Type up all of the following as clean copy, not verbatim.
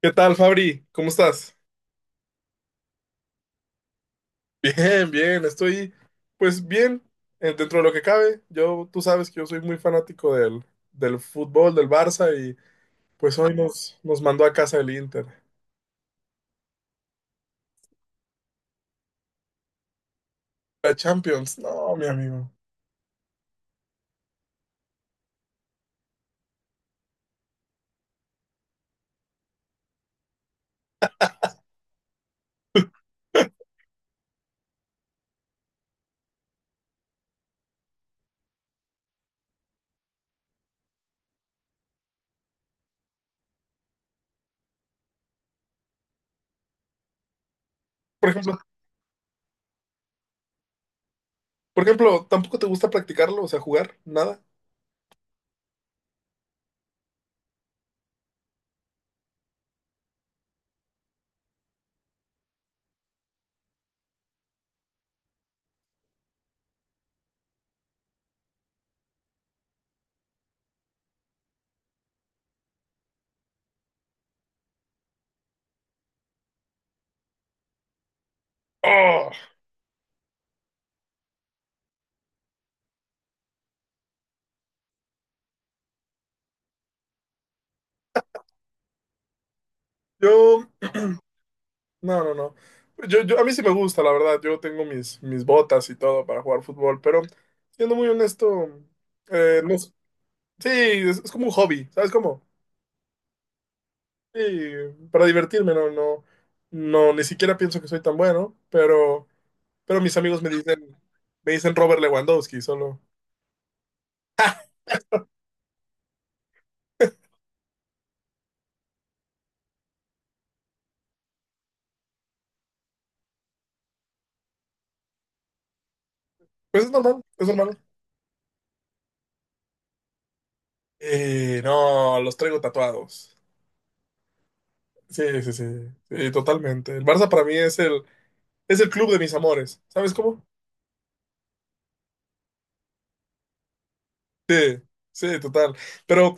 ¿Qué tal, Fabri? ¿Cómo estás? Bien, bien, estoy pues bien dentro de lo que cabe. Yo, tú sabes que yo soy muy fanático del fútbol, del Barça y pues hoy nos mandó a casa el Inter. La Champions, no, mi amigo. Por ejemplo, por ejemplo, ¿tampoco te gusta practicarlo? O sea, jugar, nada. Oh, yo, no, no, no. Yo, a mí sí me gusta, la verdad. Yo tengo mis botas y todo para jugar fútbol, pero siendo muy honesto, no, sí, es como un hobby, ¿sabes cómo? Sí, para divertirme, no, no, no, ni siquiera pienso que soy tan bueno, pero, mis amigos me dicen, Robert Lewandowski, solo. Pues es normal, es normal. No, los traigo tatuados. Sí, sí, sí, sí, totalmente. El Barça para mí es el club de mis amores, ¿sabes cómo? Sí, sí, total. Pero,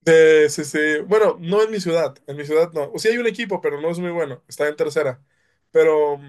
sí, sí, bueno, no en mi ciudad, en mi ciudad no. O sea, hay un equipo, pero no es muy bueno, está en tercera. Pero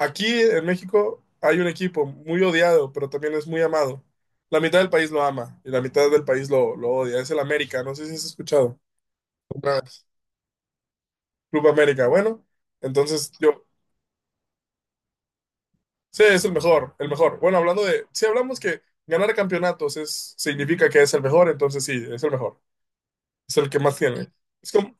aquí en México hay un equipo muy odiado, pero también es muy amado. La mitad del país lo ama y la mitad del país lo odia. Es el América, no sé si has escuchado. Una vez. Club América, bueno. Entonces sí, es el mejor, el mejor. Bueno, si hablamos que ganar campeonatos significa que es el mejor, entonces sí, es el mejor. Es el que más tiene. Es como,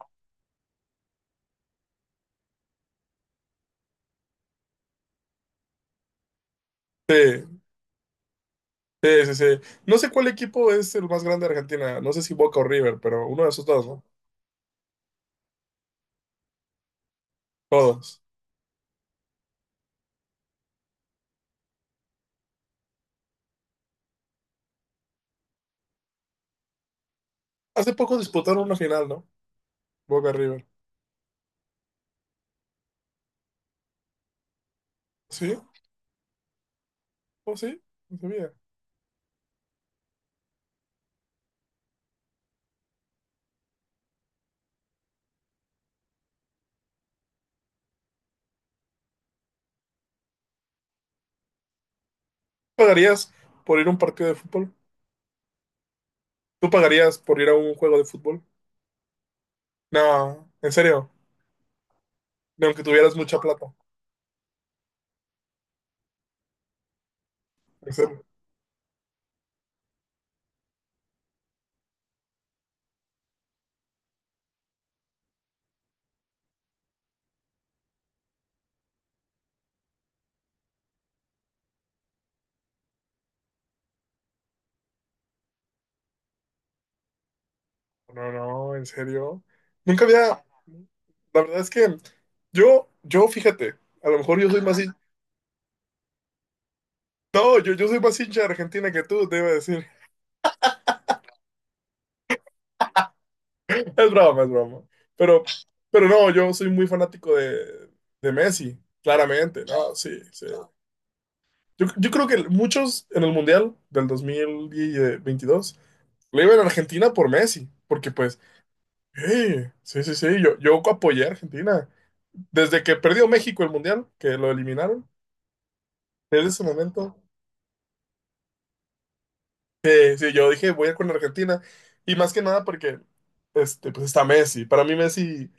sí, sí, sí, sí. No sé cuál equipo es el más grande de Argentina, no sé si Boca o River, pero uno de esos dos, ¿no? Todos. Hace poco disputaron una final, ¿no? Boca River. Sí, o sí, no sabía. ¿Pagarías por ir a un partido de fútbol? ¿Tú pagarías por ir a un juego de fútbol? No, en serio, ni aunque tuvieras mucha plata. En serio. No, no, en serio. Nunca había. La verdad es que yo, fíjate, a lo mejor yo soy más. No, yo soy más hincha de Argentina que tú, te iba a decir. Es broma, es broma. Pero, pero, no, yo soy muy fanático de Messi, claramente. No, sí, sí. Yo creo que muchos en el Mundial del 2022 le iban a Argentina por Messi, porque pues, hey, sí, sí, sí, yo apoyé a Argentina. Desde que perdió México el Mundial, que lo eliminaron, desde ese momento, sí, yo dije, voy a ir con Argentina. Y más que nada porque, pues está Messi. Para mí Messi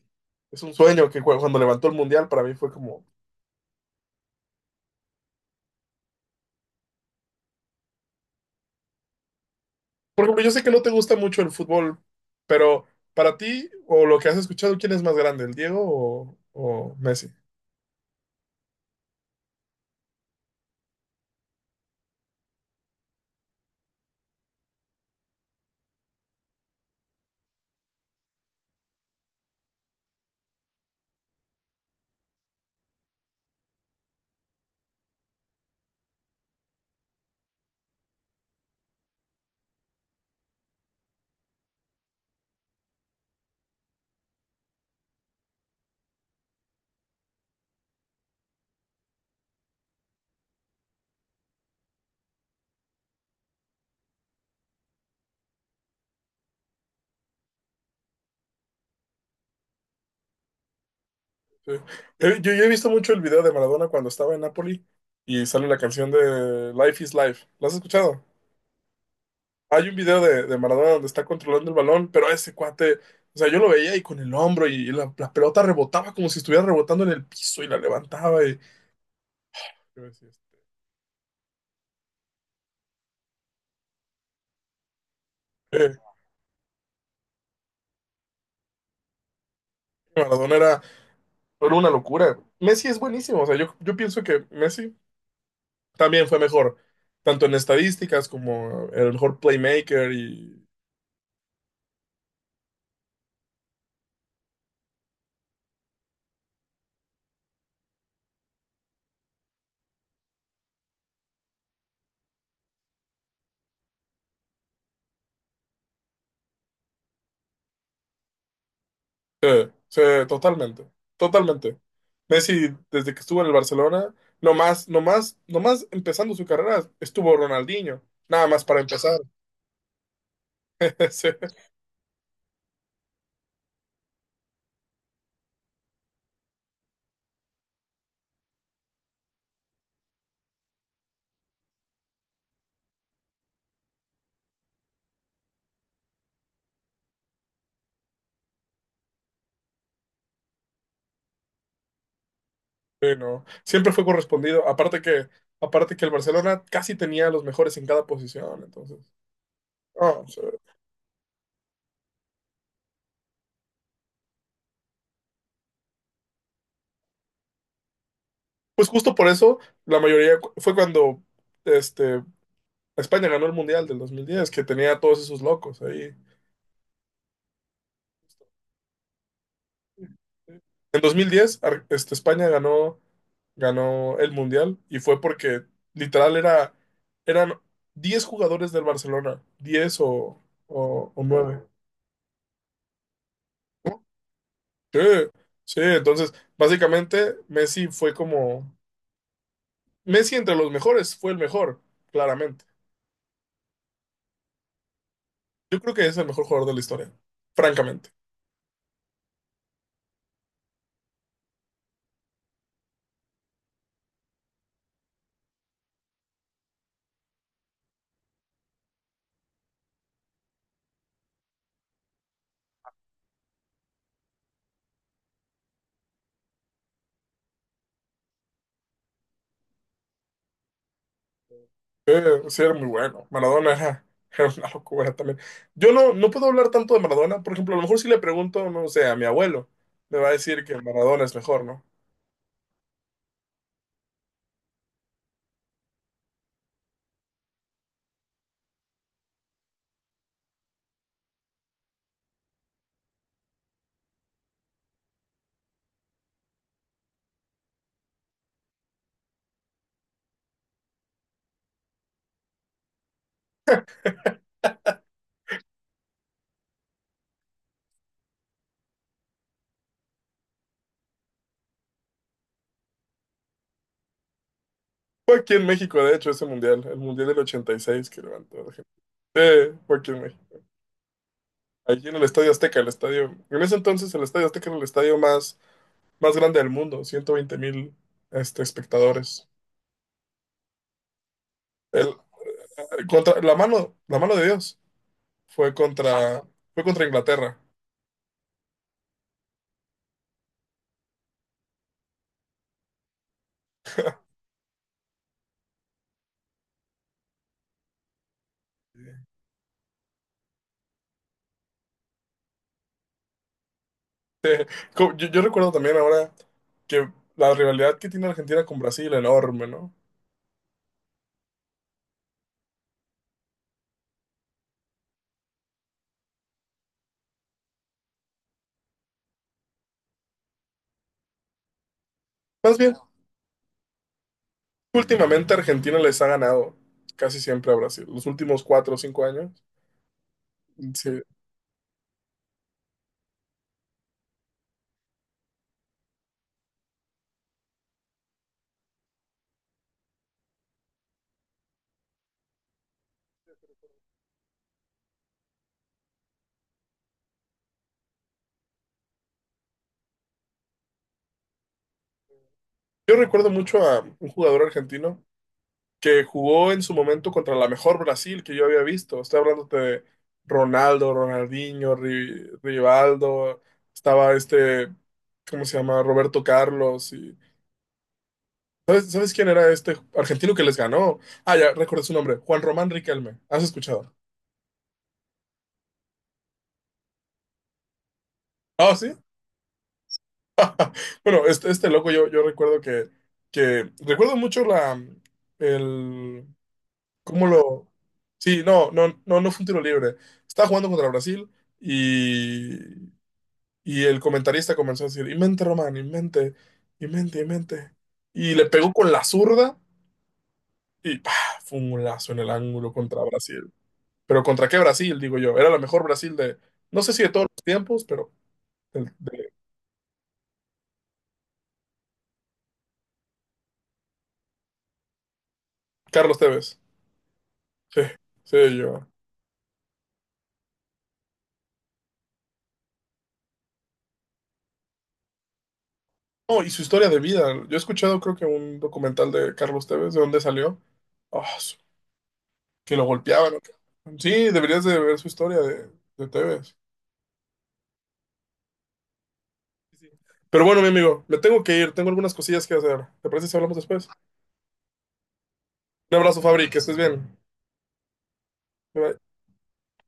es un sueño que cuando levantó el Mundial, para mí fue como, por ejemplo, yo sé que no te gusta mucho el fútbol, pero para ti, o lo que has escuchado, ¿quién es más grande, el Diego o Messi? Sí. Yo he visto mucho el video de Maradona cuando estaba en Napoli y sale la canción de Life is Life. ¿Lo has escuchado? Hay un video de Maradona donde está controlando el balón, pero ese cuate, o sea, yo lo veía y con el hombro y la pelota rebotaba como si estuviera rebotando en el piso y la levantaba y... yo decía, eh, Maradona era una locura. Messi es buenísimo, o sea, yo pienso que Messi también fue mejor, tanto en estadísticas como el mejor playmaker y... Sí, sí, totalmente, totalmente. Messi, desde que estuvo en el Barcelona, nomás empezando su carrera, estuvo Ronaldinho, nada más para empezar. Sí, sí, no, siempre fue correspondido, aparte que, el Barcelona casi tenía a los mejores en cada posición, entonces... ah, sí. Pues justo por eso, la mayoría fue cuando este, España ganó el Mundial del 2010 que tenía a todos esos locos ahí. En 2010, España ganó, el Mundial y fue porque literal eran 10 jugadores del Barcelona, 10 o 9. Sí, sí, entonces básicamente Messi fue como... Messi entre los mejores fue el mejor, claramente. Yo creo que es el mejor jugador de la historia, francamente. Sí, sí, era muy bueno. Maradona era, era una locura también. Yo no puedo hablar tanto de Maradona. Por ejemplo, a lo mejor si le pregunto, no sé, a mi abuelo, me va a decir que Maradona es mejor, ¿no? Fue aquí en México, de hecho, ese mundial, el mundial del 86 que levantó la gente. Sí, fue aquí en México. Allí en el Estadio Azteca, el estadio. En ese entonces, el Estadio Azteca era el estadio más grande del mundo, 120 mil espectadores. El, la mano de Dios fue contra, Inglaterra. Yo recuerdo también ahora que la rivalidad que tiene Argentina con Brasil, enorme, ¿no? Más bien, últimamente Argentina les ha ganado casi siempre a Brasil, los últimos 4 o 5 años. Sí. Yo recuerdo mucho a un jugador argentino que jugó en su momento contra la mejor Brasil que yo había visto. Estoy hablando de Ronaldo, Ronaldinho, Rivaldo, estaba ¿cómo se llama? Roberto Carlos. Y ¿sabes quién era este argentino que les ganó? Ah, ya, recuerdo su nombre. Juan Román Riquelme. ¿Has escuchado? Ah, sí. Bueno, este loco yo recuerdo que, Recuerdo mucho la... El... ¿Cómo lo...? Sí, no, no, no, no fue un tiro libre. Estaba jugando contra Brasil y... Y el comentarista comenzó a decir, invente, Román, invente, invente, invente. Y le pegó con la zurda y ¡pah! Fue un lazo en el ángulo contra Brasil. Pero ¿contra qué Brasil, digo yo? Era la mejor Brasil de, no sé si de todos los tiempos, pero de Carlos Tevez. Sí, sí, yo. No, y su historia de vida. Yo he escuchado, creo que un documental de Carlos Tevez, de dónde salió. Ah, que lo golpeaban. ¿O qué? Sí, deberías de ver su historia de Tevez. Sí, sí. Pero bueno, mi amigo, me tengo que ir. Tengo algunas cosillas que hacer. ¿Te parece si hablamos después? Un abrazo, Fabri, que estés bien. Bye, bye.